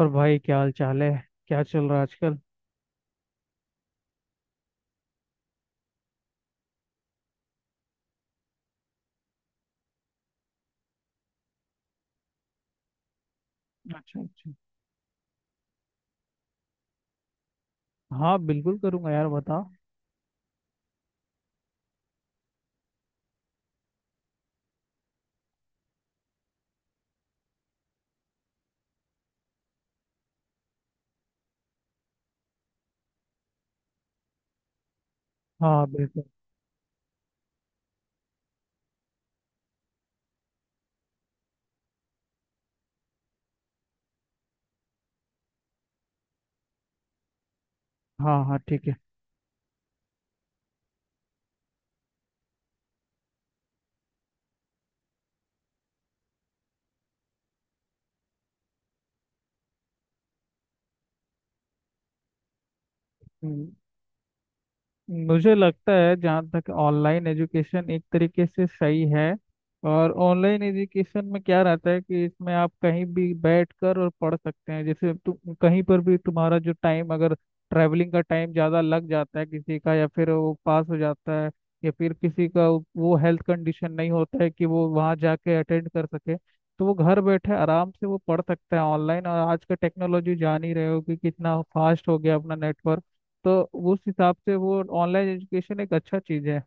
और भाई क्या हाल चाल है। क्या चल रहा है आजकल। अच्छा अच्छा। हाँ बिल्कुल करूंगा यार, बताओ। हाँ बिल्कुल। हाँ हाँ ठीक है। मुझे लगता है जहाँ तक ऑनलाइन एजुकेशन एक तरीके से सही है। और ऑनलाइन एजुकेशन में क्या रहता है कि इसमें आप कहीं भी बैठ कर और पढ़ सकते हैं, जैसे तुम कहीं पर भी तुम्हारा जो टाइम अगर ट्रैवलिंग का टाइम ज़्यादा लग जाता है किसी का, या फिर वो पास हो जाता है, या फिर किसी का वो हेल्थ कंडीशन नहीं होता है कि वो वहाँ जाके अटेंड कर सके, तो वो घर बैठे आराम से वो पढ़ सकता है ऑनलाइन। और आज का टेक्नोलॉजी जान ही रहे हो कि कितना फास्ट हो गया अपना नेटवर्क। तो उस हिसाब से वो ऑनलाइन एजुकेशन एक अच्छा चीज है।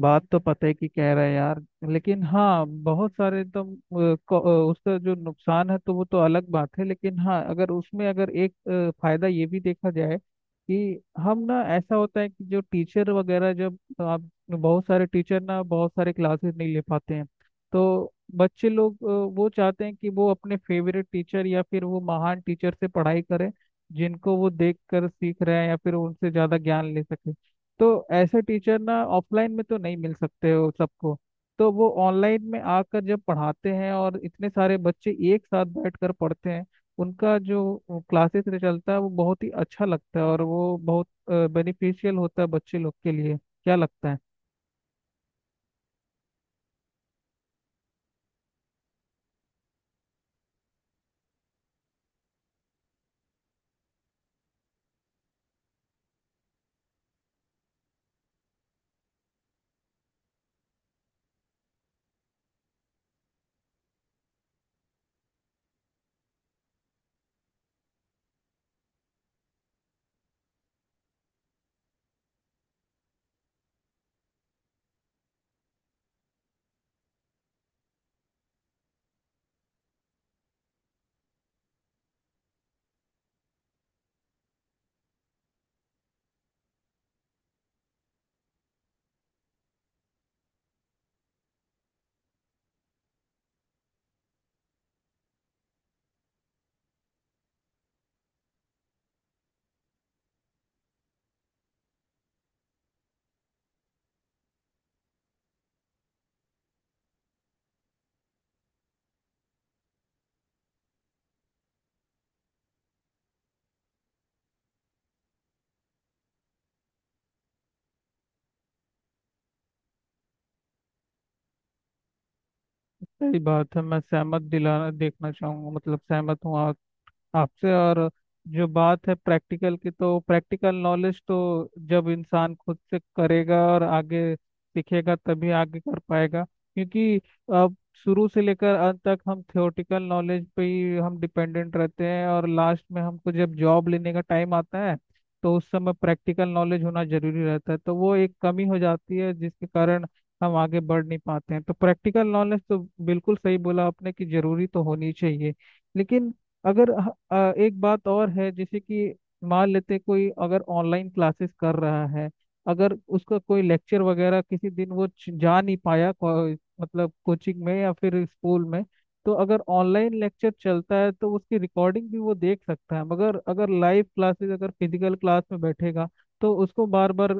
बात तो पता है कि कह रहा है यार। लेकिन हाँ, बहुत सारे तो उसका जो नुकसान है तो वो तो अलग बात है। लेकिन हाँ, अगर उसमें अगर एक फायदा ये भी देखा जाए कि हम ना ऐसा होता है कि जो टीचर वगैरह जब आप बहुत सारे टीचर ना बहुत सारे क्लासेस नहीं ले पाते हैं, तो बच्चे लोग वो चाहते हैं कि वो अपने फेवरेट टीचर या फिर वो महान टीचर से पढ़ाई करें, जिनको वो देख कर सीख रहे हैं या फिर उनसे ज़्यादा ज्ञान ले सके। तो ऐसे टीचर ना ऑफलाइन में तो नहीं मिल सकते हो सबको। तो वो ऑनलाइन में आकर जब पढ़ाते हैं और इतने सारे बच्चे एक साथ बैठकर पढ़ते हैं, उनका जो क्लासेस चलता है वो बहुत ही अच्छा लगता है और वो बहुत बेनिफिशियल होता है बच्चे लोग के लिए। क्या लगता है? सही बात है, मैं सहमत दिलाना देखना चाहूंगा, मतलब सहमत हूँ आपसे। और जो बात है प्रैक्टिकल की, तो प्रैक्टिकल नॉलेज तो जब इंसान खुद से करेगा और आगे सीखेगा तभी आगे कर पाएगा। क्योंकि अब शुरू से लेकर अंत तक हम थियोरेटिकल नॉलेज पे ही हम डिपेंडेंट रहते हैं, और लास्ट में हमको जब जॉब लेने का टाइम आता है, तो उस समय प्रैक्टिकल नॉलेज होना जरूरी रहता है। तो वो एक कमी हो जाती है जिसके कारण हम आगे बढ़ नहीं पाते हैं। तो प्रैक्टिकल नॉलेज तो बिल्कुल सही बोला आपने कि जरूरी तो होनी चाहिए। लेकिन अगर एक बात और है, जैसे कि मान लेते हैं कोई अगर ऑनलाइन क्लासेस कर रहा है, अगर उसका कोई लेक्चर वगैरह किसी दिन वो जा नहीं पाया मतलब कोचिंग में या फिर स्कूल में, तो अगर ऑनलाइन लेक्चर चलता है तो उसकी रिकॉर्डिंग भी वो देख सकता है। मगर अगर लाइव क्लासेस अगर फिजिकल क्लास में बैठेगा, तो उसको बार बार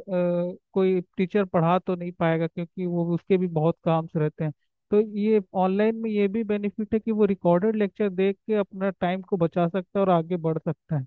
कोई टीचर पढ़ा तो नहीं पाएगा, क्योंकि वो उसके भी बहुत काम से रहते हैं। तो ये ऑनलाइन में ये भी बेनिफिट है कि वो रिकॉर्डेड लेक्चर देख के अपना टाइम को बचा सकता है और आगे बढ़ सकता है।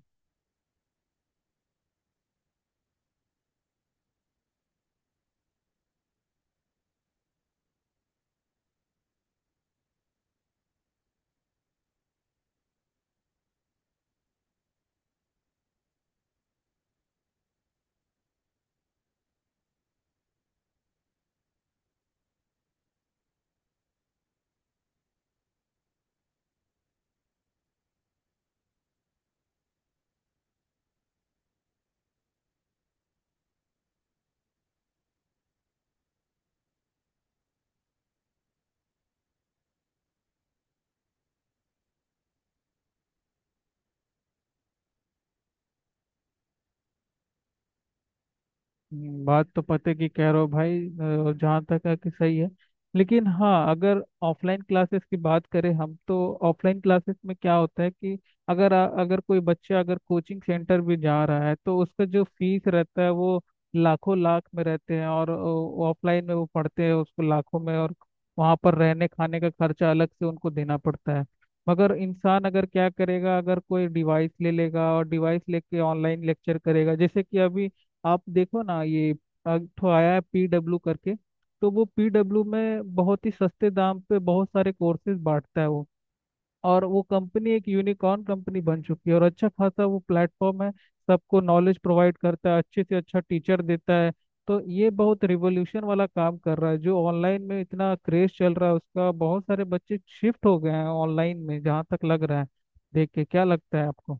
बात तो पते की कह रहे हो भाई। जहाँ तक है कि सही है। लेकिन हाँ, अगर ऑफलाइन क्लासेस की बात करें हम, तो ऑफलाइन क्लासेस में क्या होता है कि अगर अगर कोई बच्चा अगर कोचिंग सेंटर भी जा रहा है तो उसका जो फीस रहता है वो लाखों लाख में रहते हैं, और ऑफलाइन में वो पढ़ते हैं उसको लाखों में, और वहाँ पर रहने खाने का खर्चा अलग से उनको देना पड़ता है। मगर इंसान अगर क्या करेगा, अगर कोई डिवाइस ले लेगा और डिवाइस लेके ऑनलाइन लेक्चर करेगा, जैसे कि अभी आप देखो ना ये एक ठो आया है पीडब्ल्यू करके। तो वो पीडब्ल्यू में बहुत ही सस्ते दाम पे बहुत सारे कोर्सेज बांटता है वो। और वो कंपनी एक यूनिकॉर्न कंपनी बन चुकी है और अच्छा खासा वो प्लेटफॉर्म है, सबको नॉलेज प्रोवाइड करता है, अच्छे से अच्छा टीचर देता है। तो ये बहुत रिवोल्यूशन वाला काम कर रहा है। जो ऑनलाइन में इतना क्रेज चल रहा है उसका, बहुत सारे बच्चे शिफ्ट हो गए हैं ऑनलाइन में, जहाँ तक लग रहा है। देख के क्या लगता है आपको?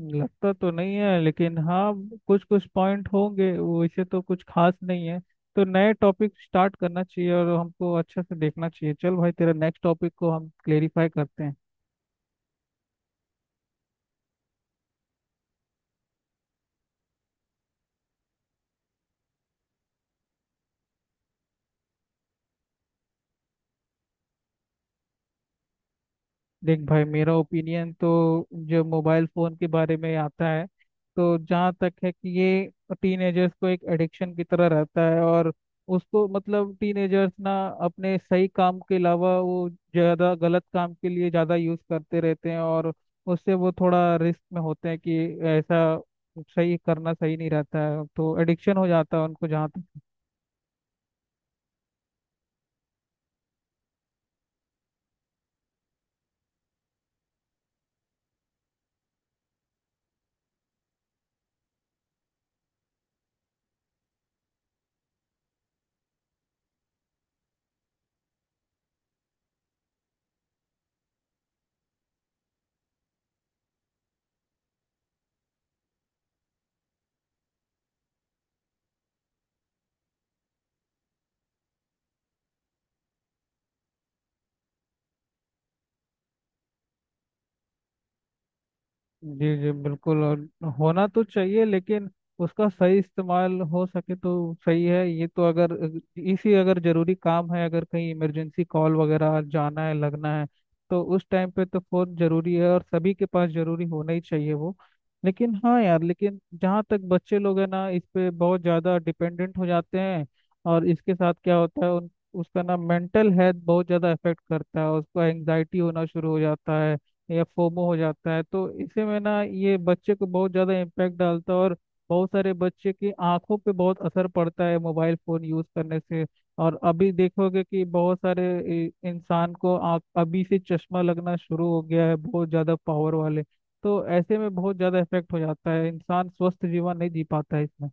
लगता तो नहीं है, लेकिन हाँ कुछ कुछ पॉइंट होंगे, वैसे तो कुछ खास नहीं है। तो नए टॉपिक स्टार्ट करना चाहिए और हमको अच्छे से देखना चाहिए। चल भाई, तेरा नेक्स्ट टॉपिक को हम क्लेरिफाई करते हैं। देख भाई, मेरा ओपिनियन तो जो मोबाइल फ़ोन के बारे में आता है, तो जहाँ तक है कि ये टीनेजर्स को एक एडिक्शन की तरह रहता है। और उसको मतलब टीनेजर्स ना अपने सही काम के अलावा वो ज़्यादा गलत काम के लिए ज़्यादा यूज़ करते रहते हैं, और उससे वो थोड़ा रिस्क में होते हैं कि ऐसा सही करना सही नहीं रहता है। तो एडिक्शन हो जाता है उनको, जहाँ तक। जी जी बिल्कुल। और होना तो चाहिए, लेकिन उसका सही इस्तेमाल हो सके तो सही है ये तो। अगर इसी अगर जरूरी काम है, अगर कहीं इमरजेंसी कॉल वगैरह जाना है, लगना है, तो उस टाइम पे तो फोन जरूरी है और सभी के पास जरूरी होना ही चाहिए वो। लेकिन हाँ यार, लेकिन जहाँ तक बच्चे लोग हैं ना, इस पे बहुत ज़्यादा डिपेंडेंट हो जाते हैं। और इसके साथ क्या होता है उन उसका ना मेंटल हेल्थ बहुत ज़्यादा इफेक्ट करता है, उसको एंग्जाइटी होना शुरू हो जाता है या फोमो हो जाता है। तो इससे में ना ये बच्चे को बहुत ज़्यादा इम्पैक्ट डालता है। और बहुत सारे बच्चे की आंखों पे बहुत असर पड़ता है मोबाइल फ़ोन यूज़ करने से। और अभी देखोगे कि बहुत सारे इंसान को आँख अभी से चश्मा लगना शुरू हो गया है, बहुत ज़्यादा पावर वाले। तो ऐसे में बहुत ज़्यादा इफेक्ट हो जाता है, इंसान स्वस्थ जीवन नहीं जी पाता है इसमें।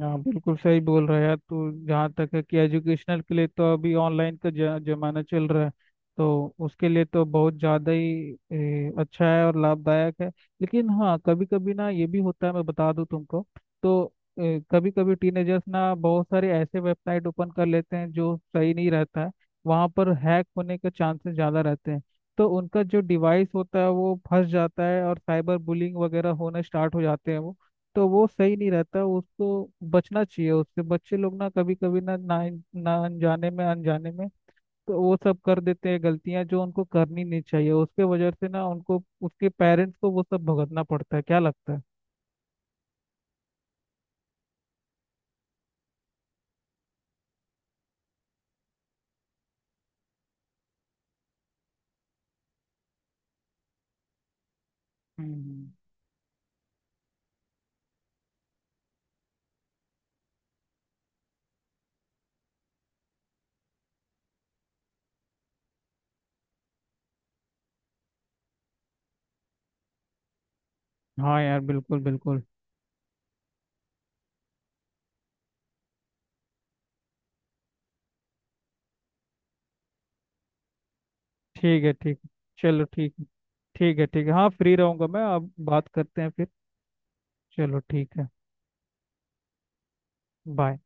हाँ बिल्कुल सही बोल रहा है यार तू। जहाँ तक है कि एजुकेशनल के लिए तो अभी ऑनलाइन का जमाना चल रहा है। तो उसके लिए तो बहुत ज़्यादा ही अच्छा है और लाभदायक है। लेकिन हाँ, कभी कभी ना ये भी होता है, मैं बता दूँ तुमको, तो कभी कभी टीनेजर्स ना बहुत सारे ऐसे वेबसाइट ओपन कर लेते हैं जो सही नहीं रहता है। वहाँ पर हैक होने के चांसेस ज़्यादा रहते हैं। तो उनका जो डिवाइस होता है वो फंस जाता है और साइबर बुलिंग वगैरह होना स्टार्ट हो जाते हैं वो। तो वो सही नहीं रहता उसको, बचना चाहिए उससे। बच्चे लोग ना कभी कभी ना ना ना अनजाने में, अनजाने में तो वो सब कर देते हैं गलतियां जो उनको करनी नहीं चाहिए, उसके वजह से ना उनको उसके पेरेंट्स को वो सब भुगतना पड़ता है। क्या लगता है? हम्म। हाँ यार बिल्कुल बिल्कुल। ठीक है ठीक है। चलो ठीक है। ठीक है ठीक है, हाँ फ्री रहूंगा मैं, अब बात करते हैं फिर। चलो ठीक है। बाय।